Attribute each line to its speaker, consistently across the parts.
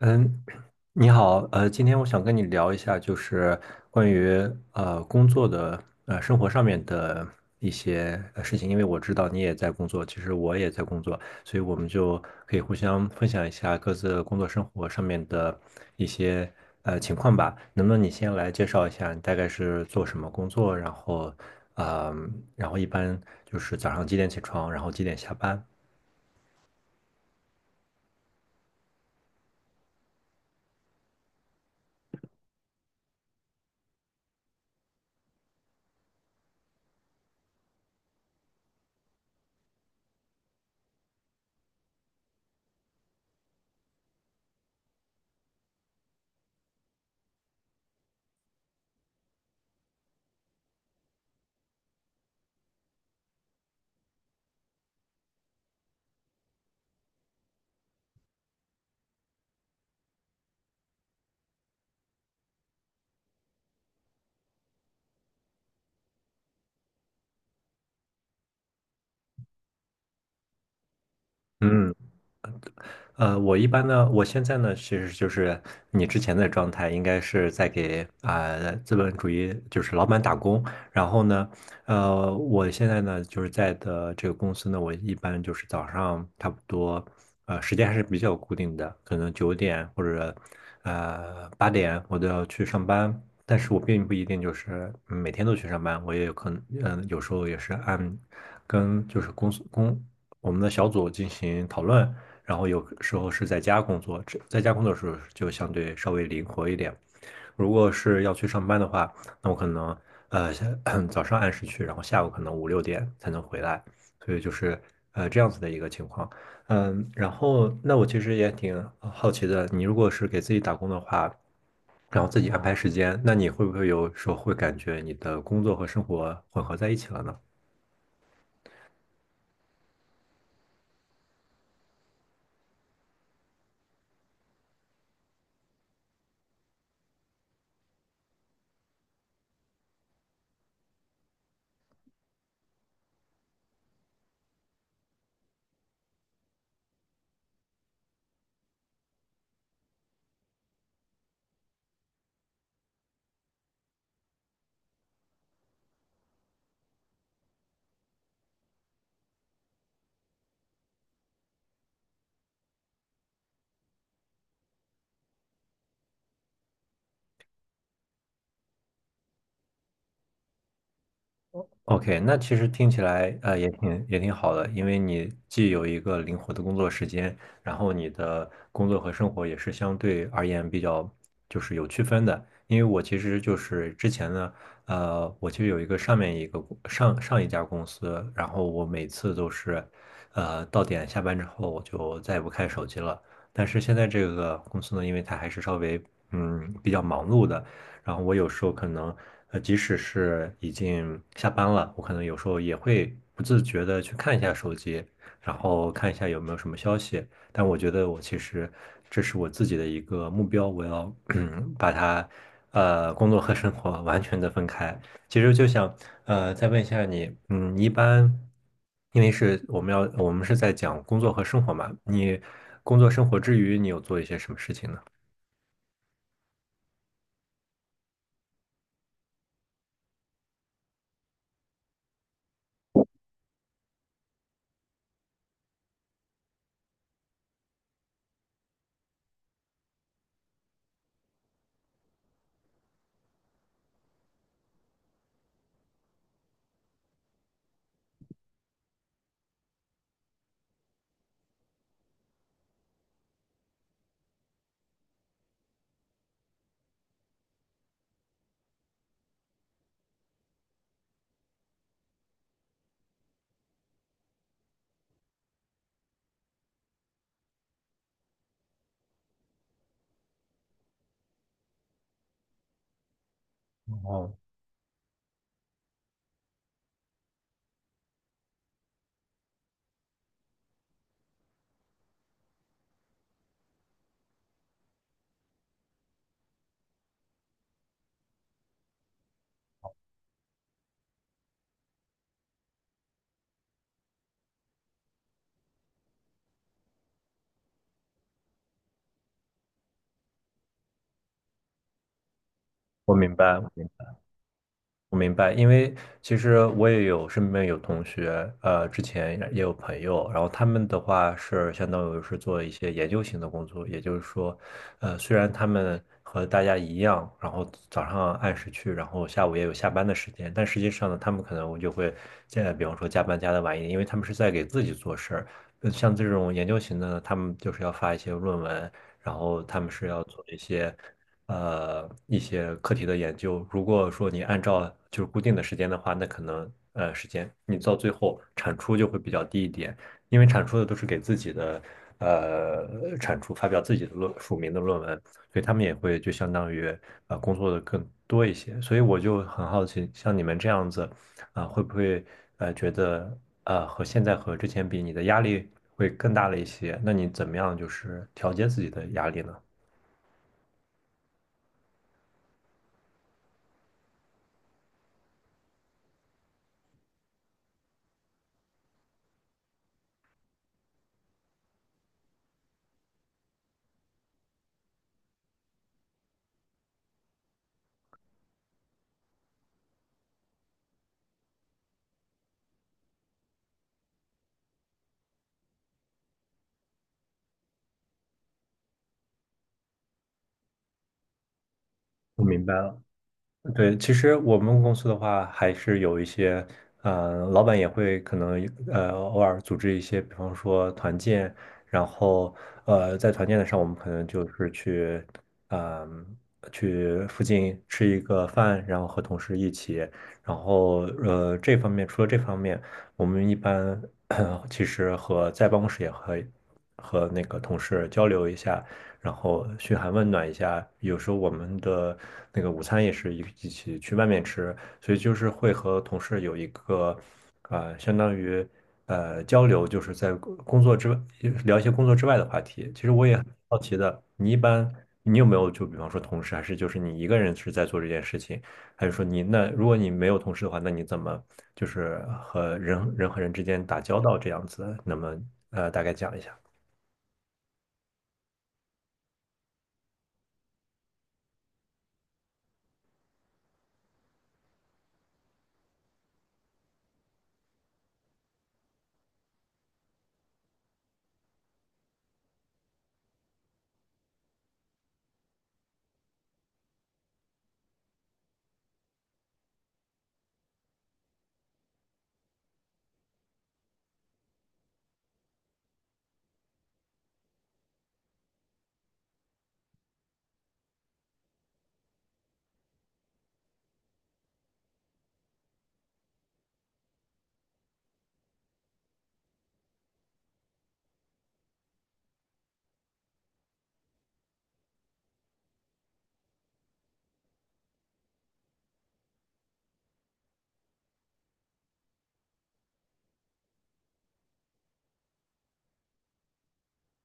Speaker 1: 嗯，你好，今天我想跟你聊一下，就是关于工作的生活上面的一些事情，因为我知道你也在工作，其实我也在工作，所以我们就可以互相分享一下各自的工作生活上面的一些情况吧。能不能你先来介绍一下，你大概是做什么工作，然后，然后一般就是早上几点起床，然后几点下班？嗯，我一般呢，我现在呢，其实就是你之前的状态，应该是在给资本主义就是老板打工。然后呢，我现在呢，就是在的这个公司呢，我一般就是早上差不多，时间还是比较固定的，可能九点或者八点我都要去上班。但是我并不一定就是每天都去上班，我也有可能，有时候也是按跟就是公司公我们的小组进行讨论。然后有时候是在家工作，在家工作的时候就相对稍微灵活一点。如果是要去上班的话，那我可能呃早上按时去，然后下午可能五六点才能回来，所以就是这样子的一个情况。嗯，然后那我其实也挺好奇的，你如果是给自己打工的话，然后自己安排时间，那你会不会有时候会感觉你的工作和生活混合在一起了呢？OK，那其实听起来也挺好的，因为你既有一个灵活的工作时间，然后你的工作和生活也是相对而言比较就是有区分的。因为我其实就是之前呢，我其实有一个上面一个公上上一家公司，然后我每次都是到点下班之后我就再也不看手机了。但是现在这个公司呢，因为它还是稍微比较忙碌的。然后我有时候可能，即使是已经下班了，我可能有时候也会不自觉的去看一下手机，然后看一下有没有什么消息。但我觉得我其实这是我自己的一个目标，我要 把它，工作和生活完全的分开。其实就想，再问一下你，嗯，一般，因为是我们要，我们是在讲工作和生活嘛，你工作生活之余，你有做一些什么事情呢？哦，我明白。我明白，因为其实我也有身边有同学，之前也有朋友，然后他们的话是相当于是做一些研究型的工作，也就是说，虽然他们和大家一样，然后早上按时去，然后下午也有下班的时间，但实际上呢，他们可能就会现在比方说加班加的晚一点，因为他们是在给自己做事儿。像这种研究型的呢，他们就是要发一些论文，然后他们是要做一些。一些课题的研究。如果说你按照就是固定的时间的话，那可能时间你到最后产出就会比较低一点，因为产出的都是给自己的产出发表自己的署名的论文，所以他们也会就相当于工作的更多一些。所以我就很好奇，像你们这样子会不会觉得和现在和之前比，你的压力会更大了一些？那你怎么样就是调节自己的压力呢？我明白了。对，其实我们公司的话，还是有一些，嗯，老板也会可能偶尔组织一些，比方说团建，然后在团建的上，我们可能就是去，嗯、去附近吃一个饭，然后和同事一起，然后这方面，我们一般 其实和在办公室也和那个同事交流一下。然后嘘寒问暖一下。有时候我们的那个午餐也是一起去外面吃，所以就是会和同事有一个相当于交流，就是在工作之外聊一些工作之外的话题。其实我也很好奇的，你一般你有没有就比方说同事，还是就是你一个人是在做这件事情，还是说你那如果你没有同事的话，那你怎么就是和人和人之间打交道这样子？那么大概讲一下。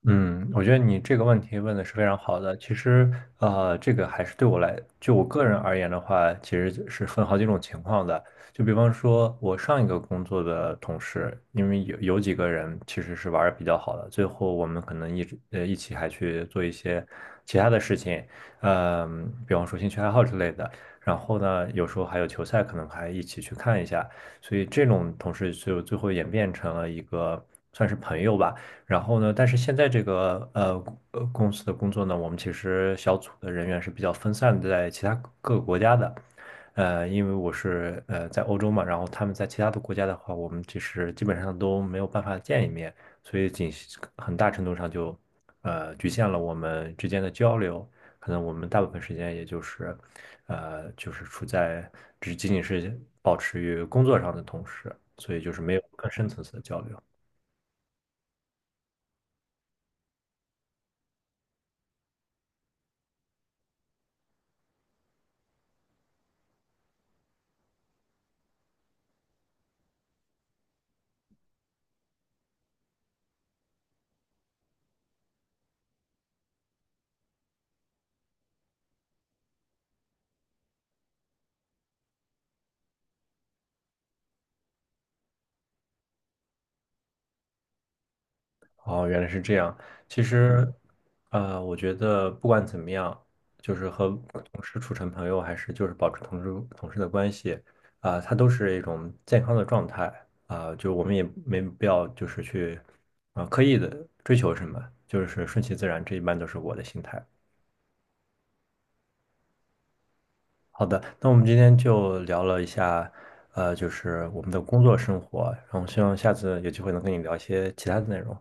Speaker 1: 嗯，我觉得你这个问题问的是非常好的。其实，这个还是对我来，就我个人而言的话，其实是分好几种情况的。就比方说，我上一个工作的同事，因为有几个人其实是玩的比较好的，最后我们可能一直一起还去做一些其他的事情，比方说兴趣爱好之类的。然后呢，有时候还有球赛，可能还一起去看一下。所以这种同事就最后演变成了一个算是朋友吧。然后呢，但是现在这个公司的工作呢，我们其实小组的人员是比较分散的在其他各个国家的。因为我是在欧洲嘛，然后他们在其他的国家的话，我们其实基本上都没有办法见一面，所以仅很大程度上就局限了我们之间的交流。可能我们大部分时间也就是就是处在只仅仅是保持于工作上的同时，所以就是没有更深层次的交流。哦，原来是这样。其实，我觉得不管怎么样，就是和同事处成朋友，还是就是保持同事的关系，它都是一种健康的状态就我们也没必要就是去刻意的追求什么，就是顺其自然，这一般都是我的心态。好的，那我们今天就聊了一下，就是我们的工作生活，然后希望下次有机会能跟你聊一些其他的内容。